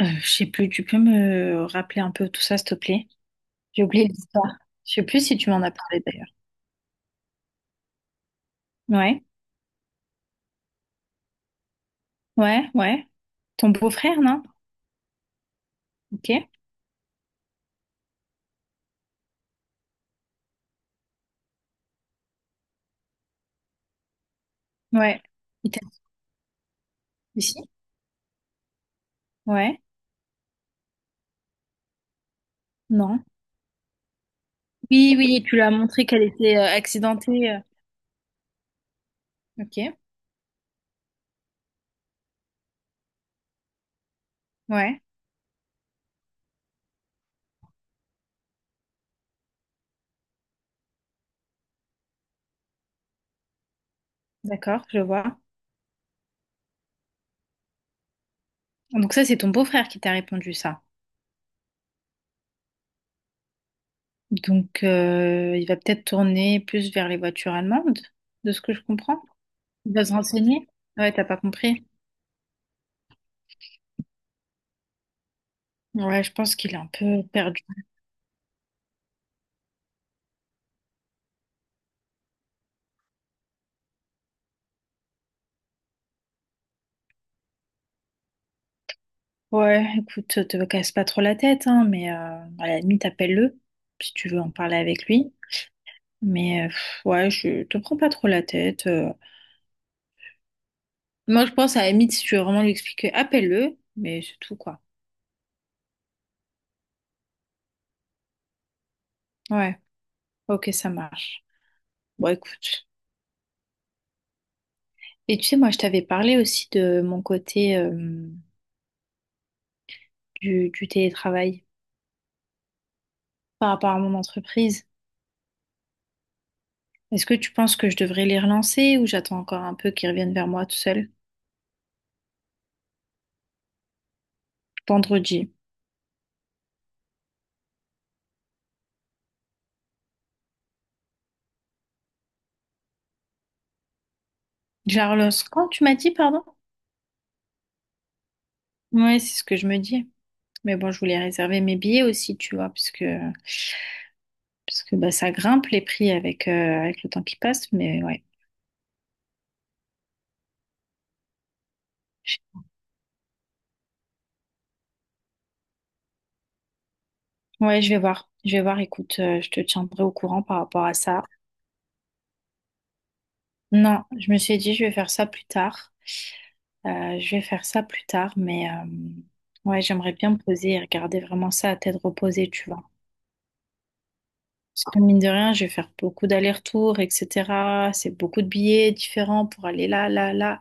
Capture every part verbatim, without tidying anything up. Euh, je sais plus, tu peux me rappeler un peu tout ça, s'il te plaît? J'ai oublié l'histoire. Je sais plus si tu m'en as parlé d'ailleurs. Ouais, ouais, ouais. Ton beau-frère, non? Ok. Ouais. Il t'a dit ici? Ouais. Non. Oui, oui, tu lui as montré qu'elle était euh, accidentée. euh. Ok. Ouais. D'accord, je vois. Donc ça, c'est ton beau-frère qui t'a répondu ça. Donc euh, il va peut-être tourner plus vers les voitures allemandes, de ce que je comprends. Il va se renseigner. Ouais, t'as pas compris. Ouais, je pense qu'il est un peu perdu. Ouais, écoute, te te casse pas trop la tête, hein, mais euh, à la limite, appelle-le si tu veux en parler avec lui. Mais euh, pff, ouais, je te prends pas trop la tête. euh. Moi, je pense à la limite, si tu veux vraiment lui expliquer, appelle-le, mais c'est tout, quoi. Ouais, ok, ça marche. Bon, écoute. Et tu sais, moi, je t'avais parlé aussi de mon côté euh, du, du télétravail par rapport à mon entreprise. Est-ce que tu penses que je devrais les relancer ou j'attends encore un peu qu'ils reviennent vers moi tout seul? Vendredi. Je la relance quand tu m'as dit, pardon? Ouais, c'est ce que je me dis. Mais bon, je voulais réserver mes billets aussi, tu vois, parce que, parce que bah, ça grimpe les prix avec, euh, avec le temps qui passe. Mais ouais. Ouais, je vais voir. Je vais voir. Écoute, euh, je te tiendrai au courant par rapport à ça. Non, je me suis dit, je vais faire ça plus tard. Euh, je vais faire ça plus tard. Mais euh, ouais, j'aimerais bien me poser et regarder vraiment ça à tête reposée, tu vois. Parce que mine de rien, je vais faire beaucoup d'allers-retours, et cetera. C'est beaucoup de billets différents pour aller là, là, là.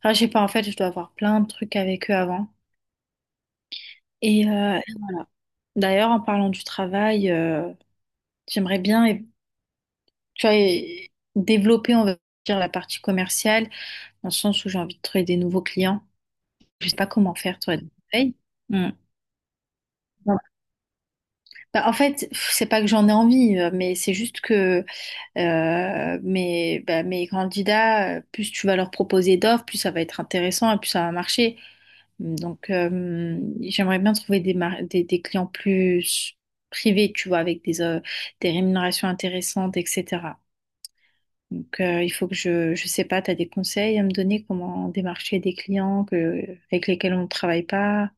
Enfin, je sais pas, en fait, je dois avoir plein de trucs avec eux avant. Et euh, d'ailleurs, en parlant du travail, euh, j'aimerais bien, et- tu vois, et- développer, on va dire, la partie commerciale, dans le sens où j'ai envie de trouver des nouveaux clients. Je sais pas comment faire, toi, des conseils. Hmm. Bah, en fait, pff, c'est pas que j'en ai envie, euh, mais c'est juste que Euh, mais bah, mes candidats, euh, plus tu vas leur proposer d'offres, plus ça va être intéressant et plus ça va marcher. Donc, euh, j'aimerais bien trouver des, mar- des, des clients plus privés, tu vois, avec des, euh, des rémunérations intéressantes, et cetera. Donc, euh, il faut que je, je sais pas, tu as des conseils à me donner comment démarcher des clients que, avec lesquels on ne travaille pas.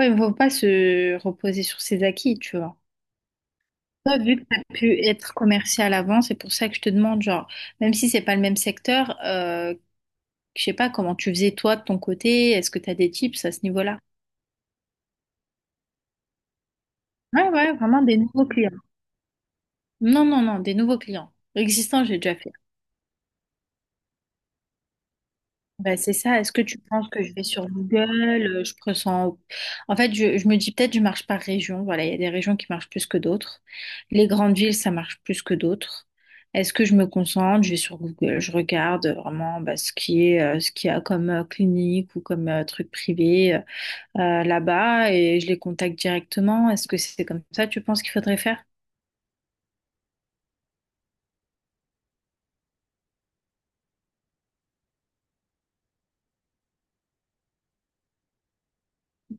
Ouais, il ne faut pas se reposer sur ses acquis, tu vois. Toi, vu que tu as pu être commercial avant, c'est pour ça que je te demande, genre, même si c'est pas le même secteur, euh, je sais pas comment tu faisais toi de ton côté, est-ce que tu as des tips à ce niveau-là? Ouais, ouais, vraiment des nouveaux clients. Non, non, non, des nouveaux clients. Existants, j'ai déjà fait. Bah, c'est ça. Est-ce que tu penses que je vais sur Google, euh, je pressens... En fait, je, je me dis peut-être je marche par région. Voilà, il y a des régions qui marchent plus que d'autres. Les grandes villes, ça marche plus que d'autres. Est-ce que je me concentre? Je vais sur Google, je regarde vraiment bah, ce qui est, euh, ce qu'il y a comme euh, clinique ou comme euh, truc privé euh, euh, là-bas et je les contacte directement. Est-ce que c'est comme ça, tu penses qu'il faudrait faire?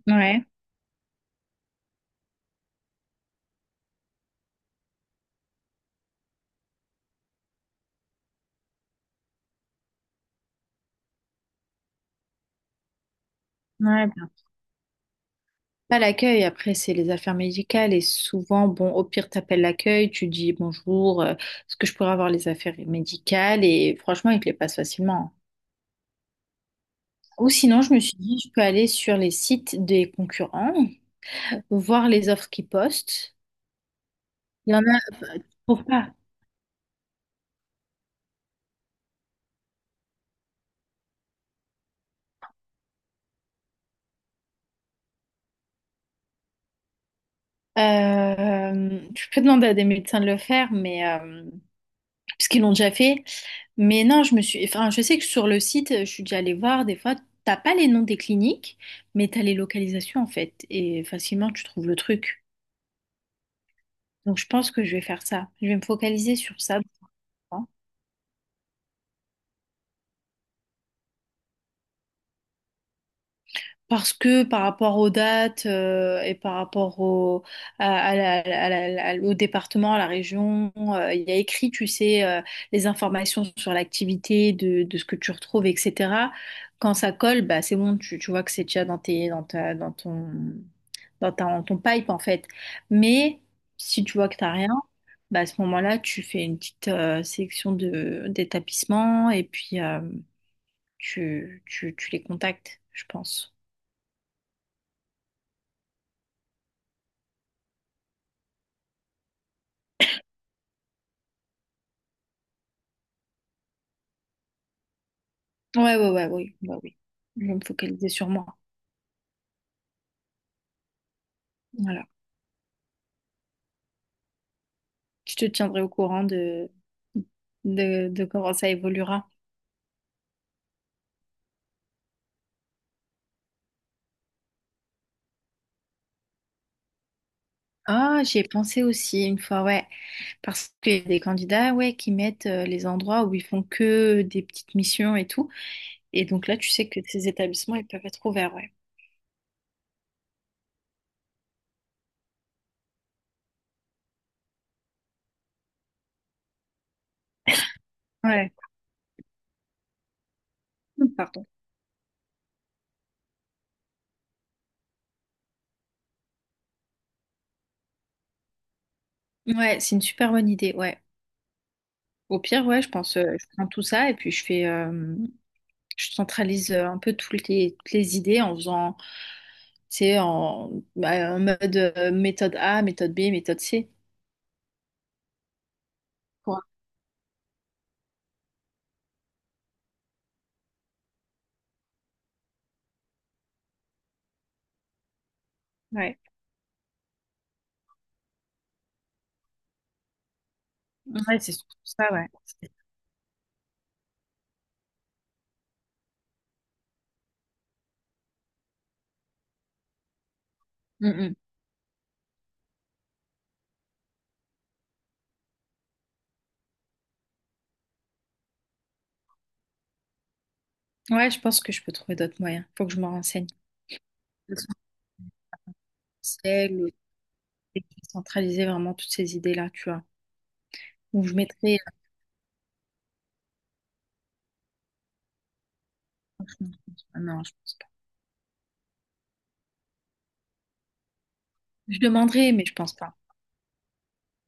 Ouais. Ouais. Pas l'accueil, après, c'est les affaires médicales et souvent, bon, au pire, t'appelles l'accueil, tu dis bonjour, euh, est-ce que je pourrais avoir les affaires médicales? Et franchement, ils te les passent facilement. Ou sinon, je me suis dit, je peux aller sur les sites des concurrents, voir les offres qu'ils postent. Il y en a, pourquoi? Euh, je peux demander à des médecins de le faire, mais euh, parce qu'ils l'ont déjà fait. Mais non, je me suis. Enfin, je sais que sur le site, je suis déjà allée voir. Des fois, t'as pas les noms des cliniques, mais t'as les localisations en fait. Et facilement, tu trouves le truc. Donc, je pense que je vais faire ça. Je vais me focaliser sur ça, hein. Parce que par rapport aux dates euh, et par rapport au, à- à la- à la- à la- au département, à la région, euh, il y a écrit, tu sais, euh, les informations sur l'activité, de, de ce que tu retrouves, et cetera. Quand ça colle, bah, c'est bon, tu, tu vois que c'est déjà dans tes, dans ta, dans ton, dans ton, ton pipe en fait. Mais si tu vois que t'as rien, bah, à ce moment-là, tu fais une petite euh, sélection de d'établissements et puis euh, tu, tu, tu les contactes, je pense. Ouais, ouais, ouais, oui, bah oui. Je vais me focaliser sur moi. Voilà. Je te tiendrai au courant de, de, de comment ça évoluera. Ah, j'y ai pensé aussi une fois, ouais. Parce qu'il y a des candidats, ouais, qui mettent euh, les endroits où ils font que des petites missions et tout. Et donc là, tu sais que ces établissements, ils peuvent être ouverts, ouais. Ouais. Hum, pardon. Ouais, c'est une super bonne idée, ouais. Au pire, ouais, je pense, euh, je prends tout ça et puis je fais, euh, je centralise euh, un peu toutes les, toutes les idées en faisant, tu sais, en, bah, en mode euh, méthode A, méthode B, méthode C, quoi. Ouais. Ouais, c'est surtout ça, ouais. Mm, mm. Ouais, je pense que je peux trouver d'autres moyens. Faut que je me renseigne. Le centraliser le- centraliser vraiment toutes ces idées-là, tu vois. Où je mettrai. Non, je pense. Je demanderai, mais je pense pas.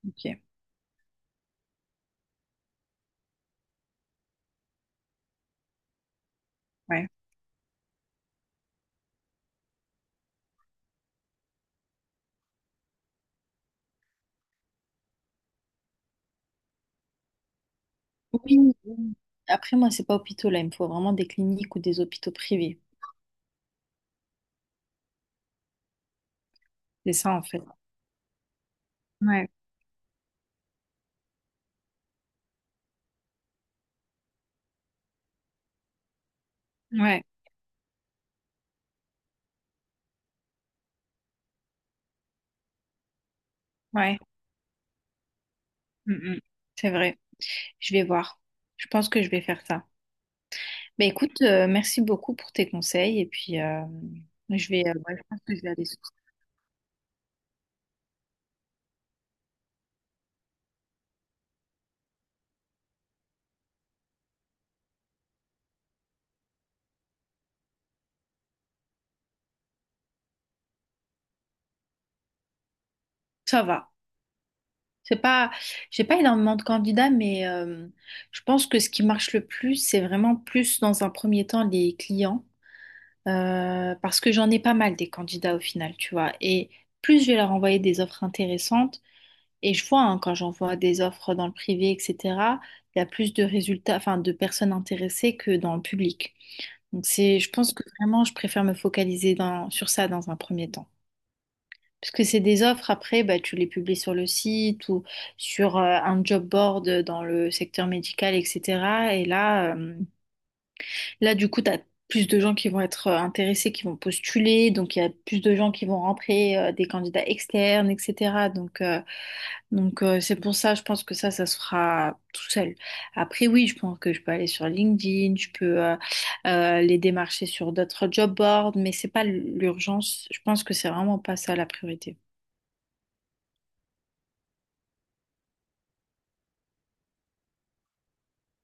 Ok, ouais. Oui, oui. Après, moi, c'est pas hôpitaux là. Il me faut vraiment des cliniques ou des hôpitaux privés. C'est ça, en fait. Ouais, ouais, ouais. Mm, mm. C'est vrai. Je vais voir. Je pense que je vais faire ça. Bah écoute, euh, merci beaucoup pour tes conseils. Et puis, euh, je vais, euh, ouais, je pense que je vais aller sur ça. Va. C'est pas, j'ai pas énormément de candidats, mais euh, je pense que ce qui marche le plus, c'est vraiment plus dans un premier temps les clients. Euh, parce que j'en ai pas mal des candidats au final, tu vois. Et plus je vais leur envoyer des offres intéressantes, et je vois hein, quand j'envoie des offres dans le privé, et cetera, il y a plus de résultats, enfin de personnes intéressées que dans le public. Donc c'est, je pense que vraiment, je préfère me focaliser dans, sur ça dans un premier temps. Parce que c'est des offres, après, bah, tu les publies sur le site ou sur euh, un job board dans le secteur médical, et cetera. Et là, euh, Là, du coup, tu as plus de gens qui vont être euh, intéressés, qui vont postuler, donc il y a plus de gens qui vont rentrer, euh, des candidats externes, et cetera. Donc, euh, donc euh, c'est pour ça, je pense que ça, ça se fera tout seul. Après, oui, je pense que je peux aller sur LinkedIn, je peux euh, euh, les démarcher sur d'autres job boards, mais c'est pas l'urgence. Je pense que c'est vraiment pas ça la priorité.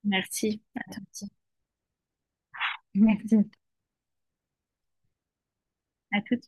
Merci. À toi. Merci. Merci. À toutes.